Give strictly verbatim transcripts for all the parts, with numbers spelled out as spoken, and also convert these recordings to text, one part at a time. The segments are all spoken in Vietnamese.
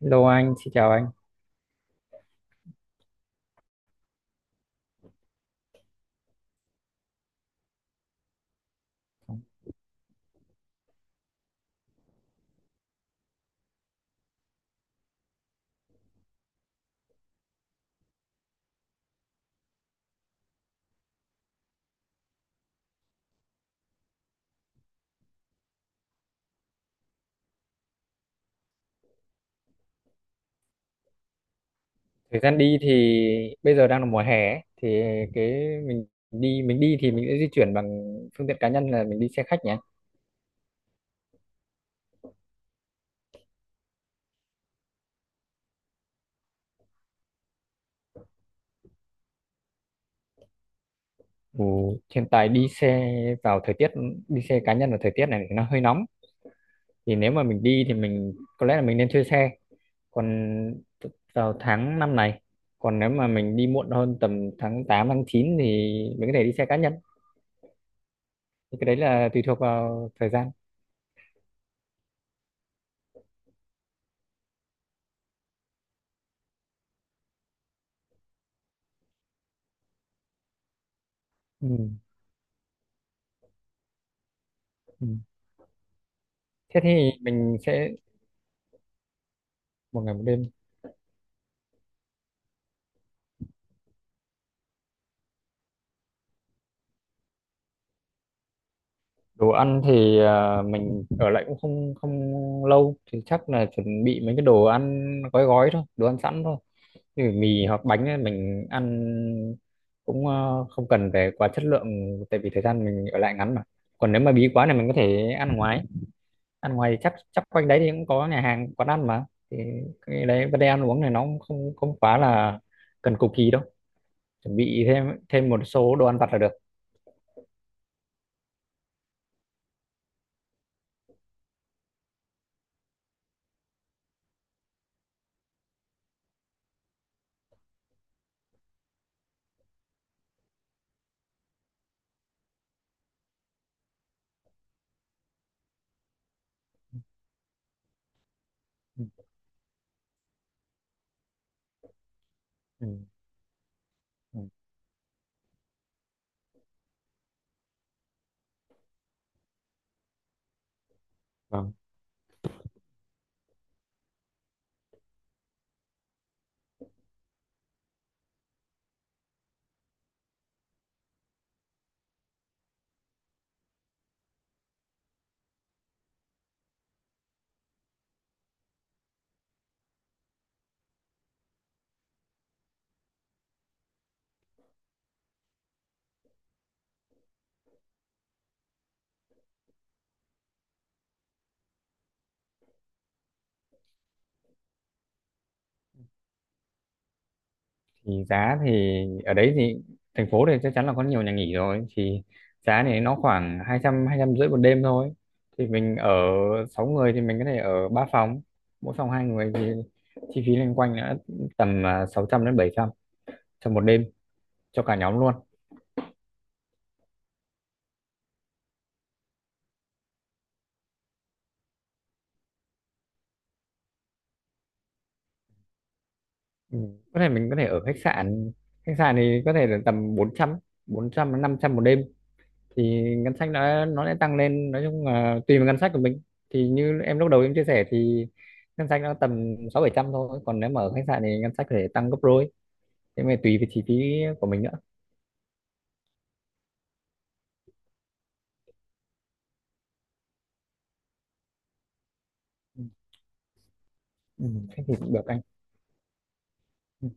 Hello anh, xin chào anh. Thời gian đi thì bây giờ đang là mùa hè ấy, thì cái mình đi mình đi thì mình sẽ di chuyển bằng phương tiện cá nhân là mình đi xe khách nhé. Ừ, hiện tại đi xe vào thời tiết đi xe cá nhân vào thời tiết này thì nó hơi nóng. Thì nếu mà mình đi thì mình có lẽ là mình nên thuê xe. Còn t- vào tháng năm này, còn nếu mà mình đi muộn hơn tầm tháng tám tháng chín thì mình có thể đi xe cá nhân. Thì cái đấy là tùy thuộc vào thời gian. Ừ. Ừ. Thế thì mình sẽ một ngày một đêm. Đồ ăn thì à, mình ở lại cũng không không lâu thì chắc là chuẩn bị mấy cái đồ ăn gói gói thôi, đồ ăn sẵn thôi như mì hoặc bánh ấy. Mình ăn cũng ờ, không cần phải quá chất lượng tại vì thời gian mình ở lại ngắn mà. Còn nếu mà bí quá này mình có thể ăn ngoài. Ăn ngoài thì chắc chắc quanh đấy thì cũng có nhà hàng quán ăn mà. Thì cái đấy vấn đề ăn uống này nó cũng không không quá là cần cục kỳ đâu, chuẩn bị thêm thêm một số đồ ăn vặt là được. Ừ, ừ, ừ. Vâng. Thì giá thì ở đấy thì thành phố thì chắc chắn là có nhiều nhà nghỉ rồi. Thì giá thì nó khoảng hai trăm, hai trăm rưỡi một đêm thôi. Thì mình ở sáu người thì mình có thể ở ba phòng, mỗi phòng hai người thì chi phí loanh quanh đã tầm à, sáu trăm đến bảy trăm cho một đêm cho cả nhóm luôn. Ừ. Có thể mình có thể ở khách sạn. Khách sạn thì có thể là tầm bốn trăm, bốn trăm đến năm trăm một đêm thì ngân sách nó nó sẽ tăng lên, nói chung là tùy vào ngân sách của mình. Thì như em lúc đầu em chia sẻ thì ngân sách nó tầm sáu bảy trăm thôi. Còn nếu mà ở khách sạn thì ngân sách có thể tăng gấp đôi, thế mà tùy về chi phí của mình nữa. Ừ, ừ, thế thì cũng được anh. Ừ.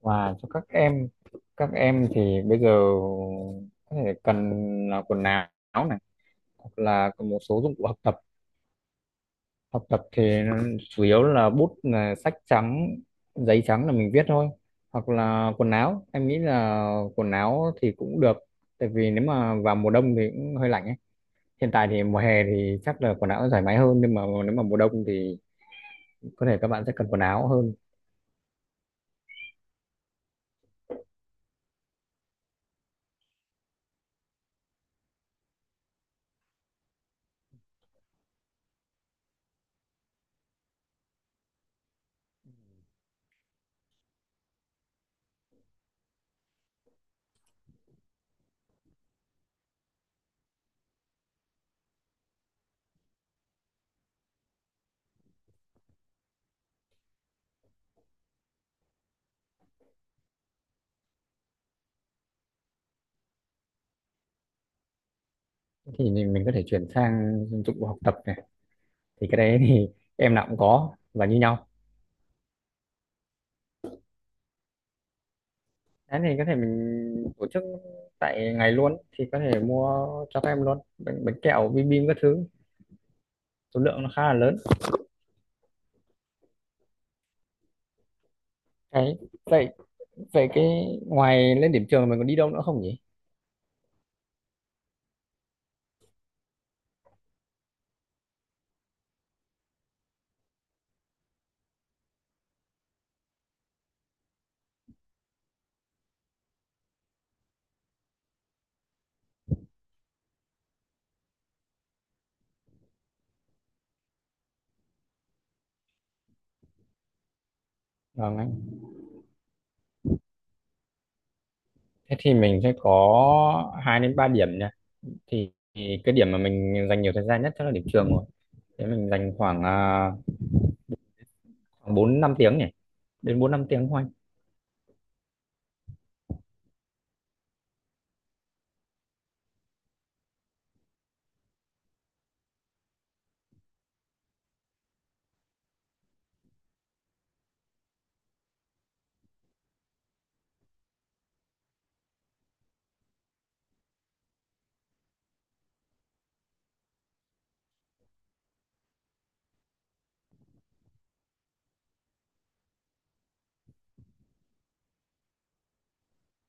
Và cho các em, các em thì bây giờ có thể cần là quần áo này, hoặc là có một số dụng cụ học tập. Học tập thì chủ yếu là bút, là sách trắng, giấy trắng là mình viết thôi. Hoặc là quần áo, em nghĩ là quần áo thì cũng được tại vì nếu mà vào mùa đông thì cũng hơi lạnh ấy. Hiện tại thì mùa hè thì chắc là quần áo thoải mái hơn, nhưng mà nếu mà mùa đông thì có thể các bạn sẽ cần quần áo hơn. Thì mình có thể chuyển sang dụng cụ học tập này, thì cái đấy thì em nào cũng có và như nhau. Thế thì có thể mình tổ chức tại ngày luôn thì có thể mua cho các em luôn bánh, bánh kẹo bim bim các thứ, số lượng nó khá là lớn. Cái Vậy vậy cái ngoài lên điểm trường mình còn đi đâu nữa không nhỉ? Vâng anh. Thế thì mình sẽ có hai đến ba điểm nha. Thì, thì cái điểm mà mình dành nhiều thời gian nhất chắc là điểm trường rồi. Thế mình dành khoảng à, khoảng bốn năm tiếng nhỉ, đến bốn năm tiếng thôi anh.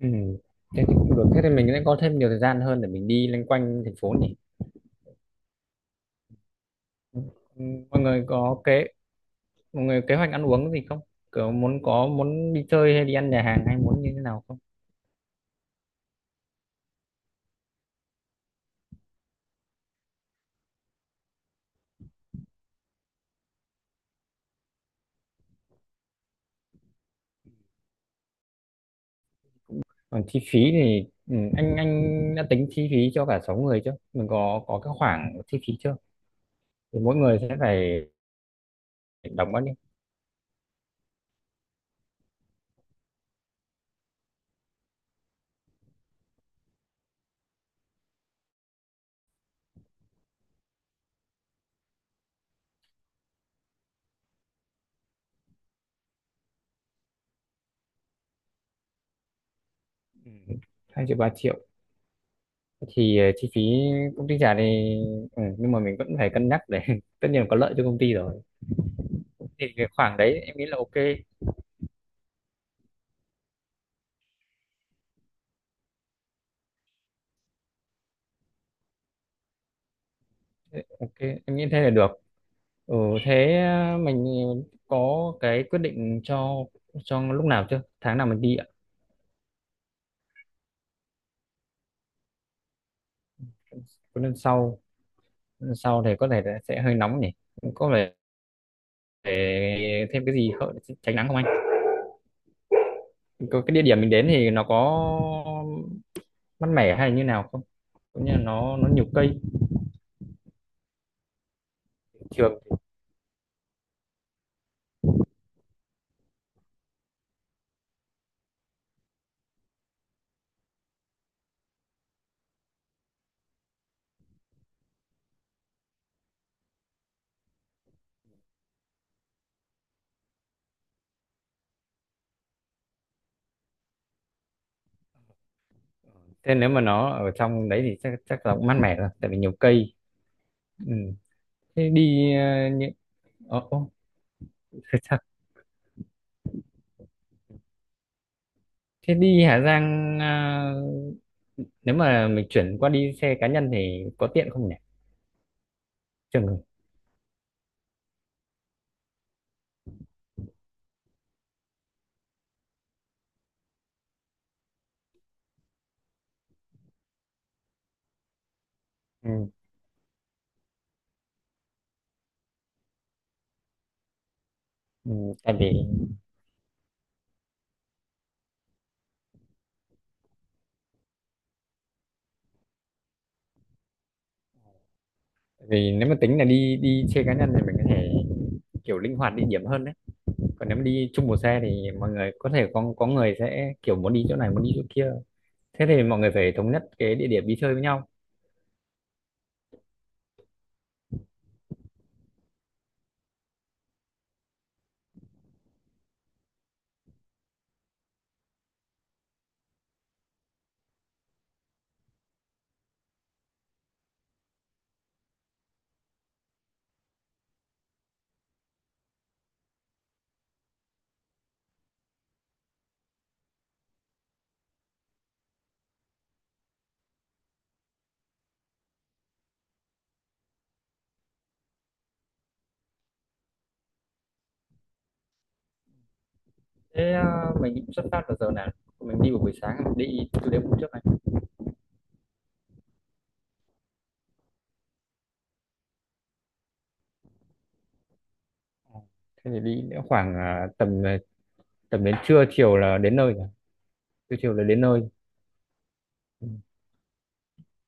Ừ. Thế thì cũng được. Thế thì mình sẽ có thêm nhiều thời gian hơn để mình đi loanh quanh thành phố nhỉ. Ừ, mọi người có kế mọi người kế hoạch ăn uống gì không, kiểu muốn có muốn đi chơi hay đi ăn nhà hàng hay muốn như thế nào không? Còn chi phí thì ừ, anh anh đã tính chi phí cho cả sáu người chưa? Mình có có cái khoảng chi phí chưa? Thì mỗi người sẽ phải đóng bao nhiêu? Ừ, hai triệu ba triệu. Thì ờ, chi phí công ty trả thì ừ, nhưng mà mình vẫn phải cân nhắc để tất nhiên là có lợi cho công ty rồi. Thì cái khoảng đấy em nghĩ là ok. Ok, em nghĩ thế là được. Ừ, thế ờ, mình có cái quyết định cho cho lúc nào chưa, tháng nào mình đi ạ? Có. Lần sau lần sau thì có thể là sẽ hơi nóng nhỉ, có vẻ để thêm cái gì hậu- tránh nắng không anh? Có cái địa điểm mình đến thì nó có mát mẻ hay như nào không? Cũng như là nó nó nhiều cây trường. Thế nếu mà nó ở trong đấy thì chắc chắc là cũng mát mẻ rồi, tại vì nhiều cây. Ừ. Thế đi ờ, những ờ, ô, thế sao? Thế đi Hà Giang, ờ, nếu mà mình chuyển qua đi xe cá nhân thì có tiện không nhỉ? Trường. Ừ. Ừ. Tại vì vì nếu mà tính là đi đi xe cá nhân thì mình có thể kiểu linh hoạt địa điểm hơn đấy. Còn nếu mà đi chung một xe thì mọi người có thể có có người sẽ kiểu muốn đi chỗ này muốn đi chỗ kia, thế thì mọi người phải thống nhất cái địa điểm đi chơi với nhau. Thế à, mình cũng xuất phát vào giờ nào, mình đi vào buổi sáng, mình đi từ đêm hôm trước này? Ờ. Thế thì đi nữa khoảng à, tầm à, tầm đến trưa chiều là đến nơi rồi, trưa chiều là đến nơi. Ừ.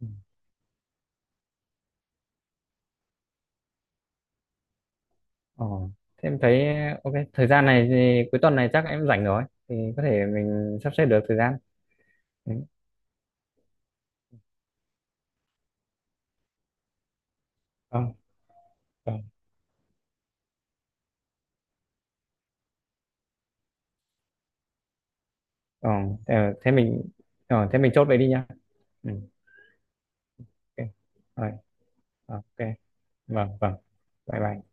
Ừ. Ờ. Thế em thấy ok, thời gian này thì cuối tuần này chắc em rảnh rồi thì có thể mình sắp xếp được thời gian. Ừ. ờ ờ. Ờ, thế thế mình ờ, thế mình chốt vậy đi nha. Ừ. Ok. Rồi. Ờ, ok, vâng vâng, bye bye.